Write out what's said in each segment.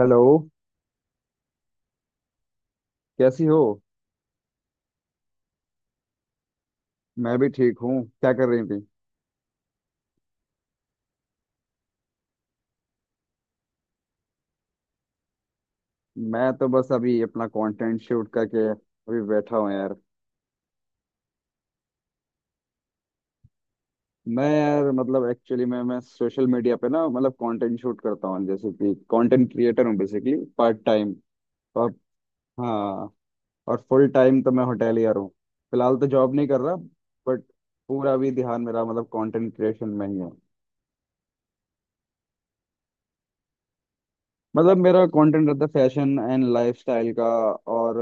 Hello. कैसी हो। मैं भी ठीक हूँ। क्या कर रही थी। मैं तो बस अभी अपना कंटेंट शूट करके अभी बैठा हूँ यार। मैं यार मतलब एक्चुअली मैं सोशल मीडिया पे ना मतलब कंटेंट शूट करता हूँ जैसे कि कंटेंट क्रिएटर हूँ बेसिकली पार्ट टाइम। और हाँ। और फुल टाइम तो मैं होटेलियर हूँ। फिलहाल तो जॉब नहीं कर रहा। बट पूरा भी ध्यान मेरा मतलब कंटेंट क्रिएशन में ही है। मतलब मेरा कंटेंट रहता है फैशन एंड लाइफस्टाइल का। और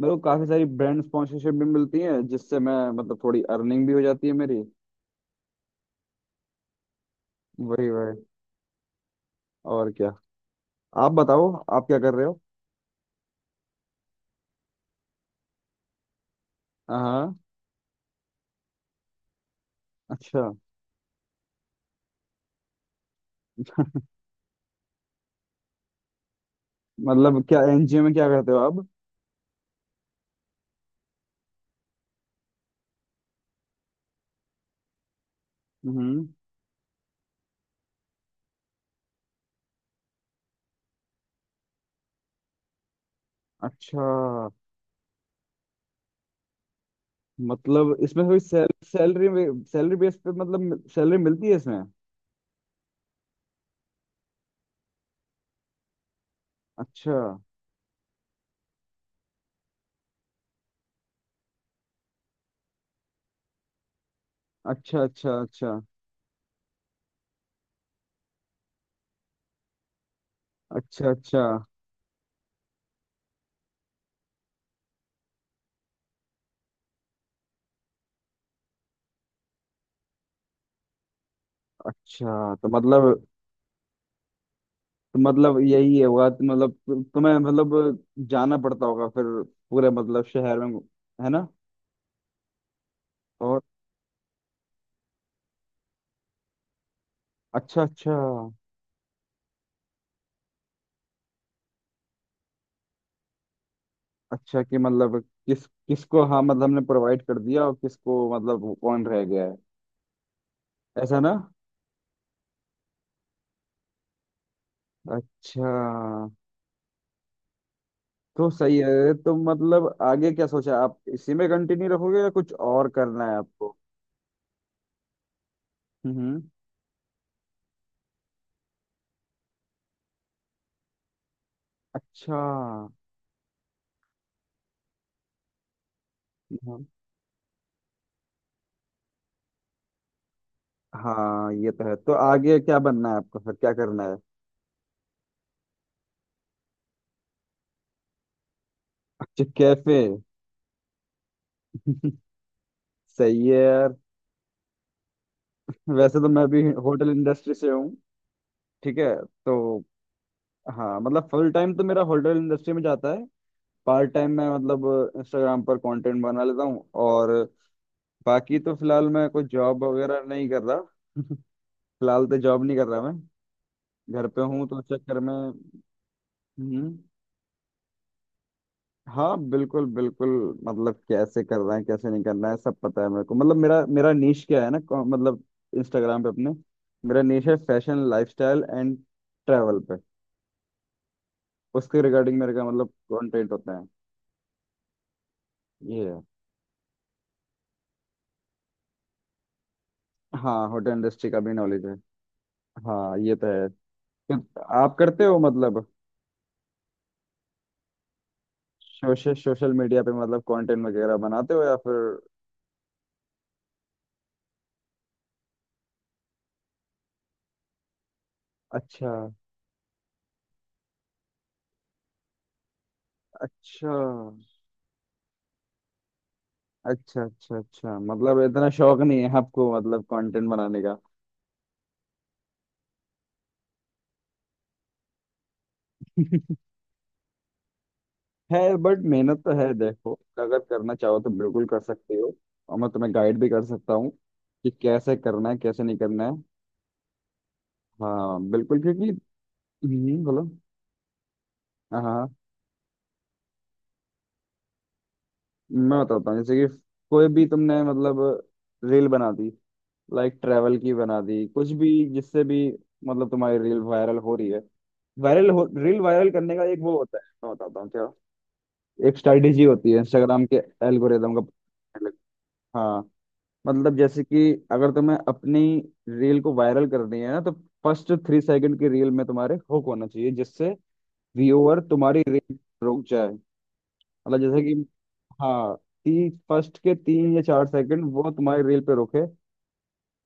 मेरे को काफी सारी ब्रांड स्पॉन्सरशिप भी मिलती है जिससे मैं मतलब थोड़ी अर्निंग भी हो जाती है मेरी। वही वही। और क्या। आप बताओ। आप क्या कर रहे हो। हाँ। अच्छा। मतलब क्या एनजीओ में क्या करते हो आप। हम्म। अच्छा। मतलब इसमें कोई सैलरी, सैलरी बेस पे मतलब सैलरी मिलती है इसमें। अच्छा, अच्छा, अच्छा, अच्छा, अच्छा, अच्छा, अच्छा। तो मतलब यही है हुआ तो मतलब तुम्हें मतलब जाना पड़ता होगा फिर पूरे मतलब शहर में, है ना। और अच्छा, अच्छा, अच्छा कि मतलब किस किसको हाँ मतलब हमने प्रोवाइड कर दिया और किसको मतलब कौन रह गया है, ऐसा ना। अच्छा। तो सही है तो मतलब आगे क्या सोचा आप इसी में कंटिन्यू रखोगे या कुछ और करना है आपको। हम्म। अच्छा। हाँ हाँ, ये तो है तो आगे क्या बनना है आपको फिर क्या करना है। अच्छा, कैफे। सही है यार। वैसे तो मैं भी होटल इंडस्ट्री से हूँ। ठीक है तो हाँ मतलब फुल टाइम तो मेरा होटल इंडस्ट्री में जाता है। पार्ट टाइम मैं मतलब इंस्टाग्राम पर कंटेंट बना लेता हूँ और बाकी तो फिलहाल मैं कोई जॉब वगैरह नहीं कर रहा। फिलहाल तो जॉब नहीं कर रहा मैं। घर पे हूँ तो उस चक्कर में। हम्म। हाँ बिल्कुल बिल्कुल। मतलब कैसे करना है कैसे नहीं करना है सब पता है मेरे को। मतलब मेरा मेरा नीश क्या है ना मतलब इंस्टाग्राम पे अपने, मेरा नीश है फैशन लाइफस्टाइल एंड ट्रैवल। उसके रिगार्डिंग मेरे का मतलब कंटेंट होता है। ये है। हाँ, होटल इंडस्ट्री का भी नॉलेज है। हाँ ये तो है। तो आप करते हो मतलब सोशल सोशल मीडिया पे मतलब कंटेंट वगैरह बनाते हो या फिर। अच्छा, अच्छा, अच्छा, अच्छा, अच्छा। मतलब इतना शौक नहीं है आपको मतलब कंटेंट बनाने का। है बट मेहनत तो है देखो। अगर करना चाहो तो बिल्कुल कर सकते हो। और मैं तुम्हें गाइड भी कर सकता हूँ कि कैसे करना है कैसे नहीं करना है। हाँ बिल्कुल क्योंकि। हम्म, बोलो। हाँ, मैं बताता हूँ जैसे कि कोई भी तुमने मतलब रील बना दी, लाइक ट्रैवल की बना दी कुछ भी, जिससे भी मतलब तुम्हारी रील वायरल हो रही है। वायरल हो रील वायरल करने का एक वो होता है, मैं बताता हूँ क्या। एक स्ट्रेटेजी होती है इंस्टाग्राम के एल्गोरिदम का। हाँ। मतलब जैसे कि अगर तुम्हें अपनी रील को वायरल करनी है ना तो फर्स्ट 3 सेकंड की रील में तुम्हारे हुक होना चाहिए जिससे व्यूअर तुम्हारी रील रुक जाए। मतलब जैसे कि हाँ, तीन, फर्स्ट के 3 या 4 सेकंड वो तुम्हारी रील पे रुके।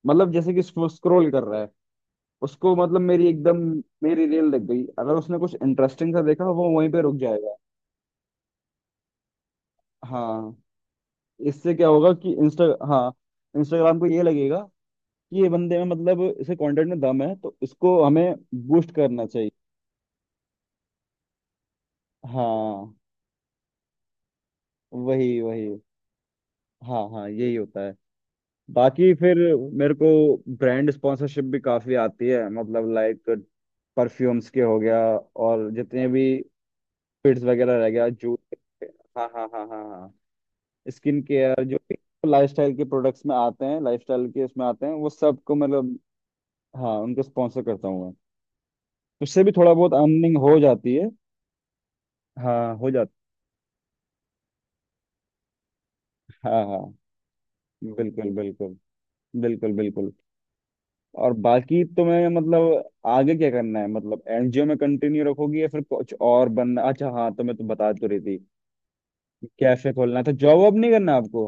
मतलब जैसे कि स्क्रॉल कर रहा है उसको मतलब मेरी एकदम, मेरी रील लग गई, अगर उसने कुछ इंटरेस्टिंग सा देखा वो वहीं पे रुक जाएगा। हाँ, इससे क्या होगा कि इंस्टा हाँ इंस्टाग्राम को ये लगेगा कि ये बंदे में मतलब इसे कंटेंट में दम है तो इसको हमें बूस्ट करना चाहिए। हाँ वही वही। हाँ हाँ यही होता है। बाकी फिर मेरे को ब्रांड स्पॉन्सरशिप भी काफी आती है मतलब लाइक परफ्यूम्स के हो गया। और जितने भी फिट्स वगैरह रह गया, जूते। हाँ हाँ हाँ हाँ हाँ। स्किन केयर जो भी लाइफस्टाइल के प्रोडक्ट्स में आते हैं, लाइफस्टाइल के इसमें आते हैं वो सबको मतलब। हाँ, उनको स्पॉन्सर करता हूँ मैं। उससे भी थोड़ा बहुत अर्निंग हो जाती है। हाँ हो जाती है। हाँ हाँ बिल्कुल बिल्कुल बिल्कुल बिल्कुल। और बाकी तुम्हें मतलब आगे क्या करना है मतलब एनजीओ में कंटिन्यू रखोगी या फिर कुछ और बनना। अच्छा हाँ तो मैं तो बता तो रही थी। कैफे खोलना है तो जॉब वॉब नहीं करना आपको।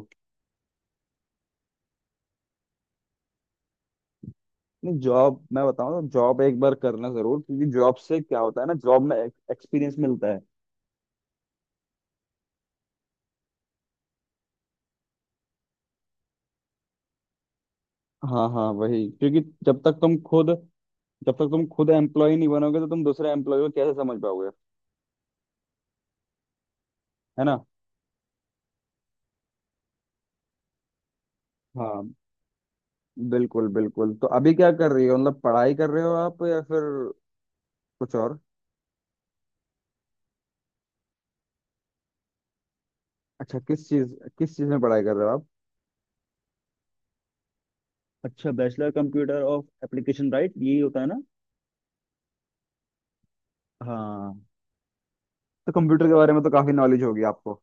नहीं जॉब, मैं बताऊँ तो जॉब एक बार करना जरूर क्योंकि जॉब से क्या होता है ना, जॉब में एक्सपीरियंस मिलता है। हाँ हाँ वही क्योंकि जब तक तुम खुद एम्प्लॉय नहीं बनोगे तो तुम दूसरे एम्प्लॉय को कैसे समझ पाओगे। है ना। हाँ बिल्कुल बिल्कुल। तो अभी क्या कर रही हो मतलब पढ़ाई कर रहे हो आप या फिर कुछ और। अच्छा, किस चीज में पढ़ाई कर रहे हो आप। अच्छा, bachelor computer of application right, यही होता है ना। हाँ तो कंप्यूटर के बारे में तो काफी नॉलेज होगी आपको।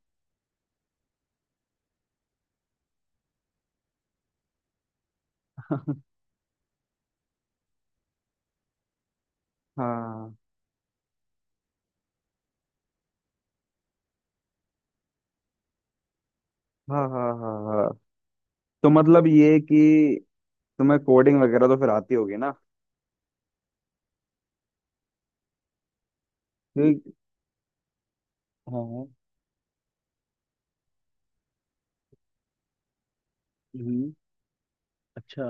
हाँ हाँ हाँ हाँ हाँ। तो मतलब ये कि तुम्हें कोडिंग वगैरह तो फिर आती होगी ना। ठीक। हाँ हाँ, हम्म। अच्छा,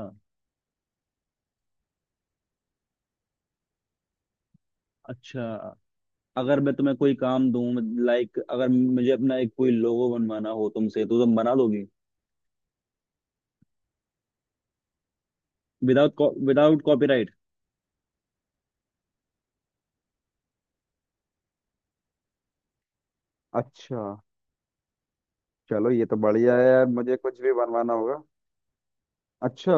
अच्छा, अगर मैं तुम्हें कोई काम दूं, लाइक अगर मुझे अपना एक कोई लोगो बनवाना हो तुमसे तो तुम बना दोगे। Without without copyright. अच्छा चलो, ये तो बढ़िया है यार, मुझे कुछ भी बनवाना होगा। अच्छा।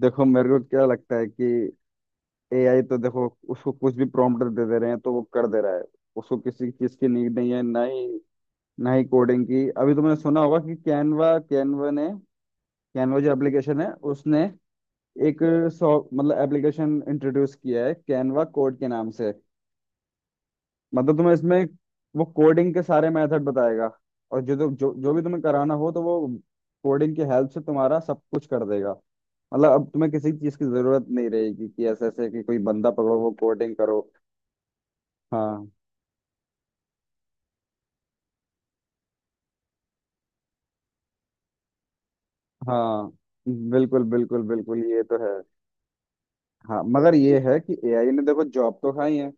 देखो, मेरे को क्या लगता है कि एआई तो देखो उसको कुछ भी प्रॉम्प्ट दे दे रहे हैं तो वो कर दे रहा है। उसको किसी चीज की नीड नहीं है, ना ही कोडिंग की। अभी तुमने सुना होगा कि कैनवा कैनवा ने कैनवा जो एप्लीकेशन है उसने एक सॉ मतलब एप्लीकेशन इंट्रोड्यूस किया है कैनवा कोड के नाम से। मतलब तुम्हें इसमें वो कोडिंग के सारे मेथड बताएगा और जो जो जो भी तुम्हें कराना हो तो वो कोडिंग की हेल्प से तुम्हारा सब कुछ कर देगा। मतलब अब तुम्हें किसी चीज की जरूरत नहीं रहेगी कि ऐसे ऐसे कि कोई बंदा पकड़ो वो कोडिंग करो। हाँ हाँ, बिल्कुल बिल्कुल बिल्कुल ये तो है। हाँ मगर ये है कि एआई ने देखो जॉब तो खाई है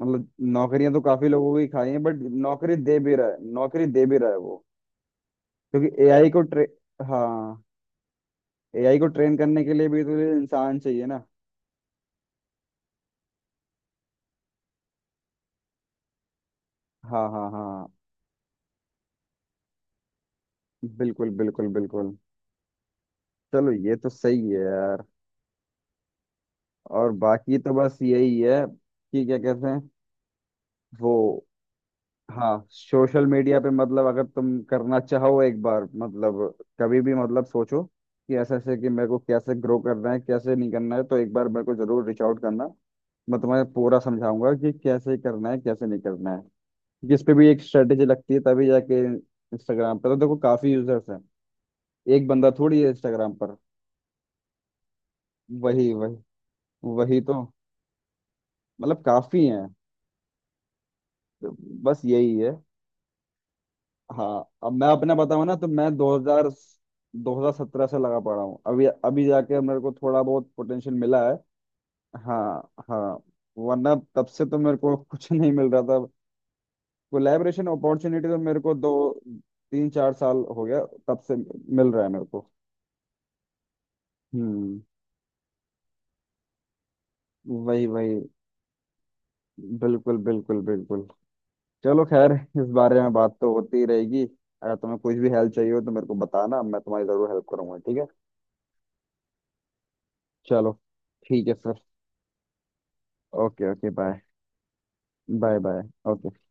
मतलब नौकरियां तो काफी लोगों की खाई हैं। बट नौकरी दे भी रहा है, नौकरी दे भी रहा है वो। क्योंकि एआई को ट्रे हाँ एआई को ट्रेन करने के लिए भी तो ये इंसान चाहिए ना। हाँ हाँ हाँ, बिल्कुल बिल्कुल बिल्कुल। चलो ये तो सही है यार। और बाकी तो बस यही है कि क्या कहते हैं वो। हाँ, सोशल मीडिया पे मतलब अगर तुम करना चाहो एक बार मतलब, कभी भी मतलब सोचो कि ऐसे ऐसे कि मेरे को कैसे ग्रो करना है कैसे नहीं करना है तो एक बार मेरे को जरूर रीच आउट करना। मैं तुम्हें पूरा समझाऊंगा कि कैसे करना है कैसे नहीं करना है। क्योंकि इस पे भी एक स्ट्रेटेजी लगती है तभी जाके। इंस्टाग्राम पर तो देखो काफी यूजर्स हैं, एक बंदा थोड़ी है इंस्टाग्राम पर। वही वही। वही तो मतलब काफी हैं। तो बस यही है। हाँ अब मैं अपना बताऊँ ना तो मैं 2000 2017 से लगा पड़ा हूँ। अभी अभी जाके मेरे को थोड़ा बहुत पोटेंशियल मिला है। हाँ हाँ वरना तब से तो मेरे को कुछ नहीं मिल रहा था। कोलैबोरेशन अपॉर्चुनिटी तो मेरे को 2-3-4 साल हो गया, तब से मिल रहा है मेरे को। हम्म। वही वही। बिल्कुल बिल्कुल बिल्कुल। चलो खैर, इस बारे में बात तो होती ही रहेगी। अगर तुम्हें कुछ भी हेल्प चाहिए हो तो मेरे को बताना, मैं तुम्हारी जरूर हेल्प करूंगा, ठीक है। चलो। ठीक है sir. Okay okay, bye. Bye bye. Okay.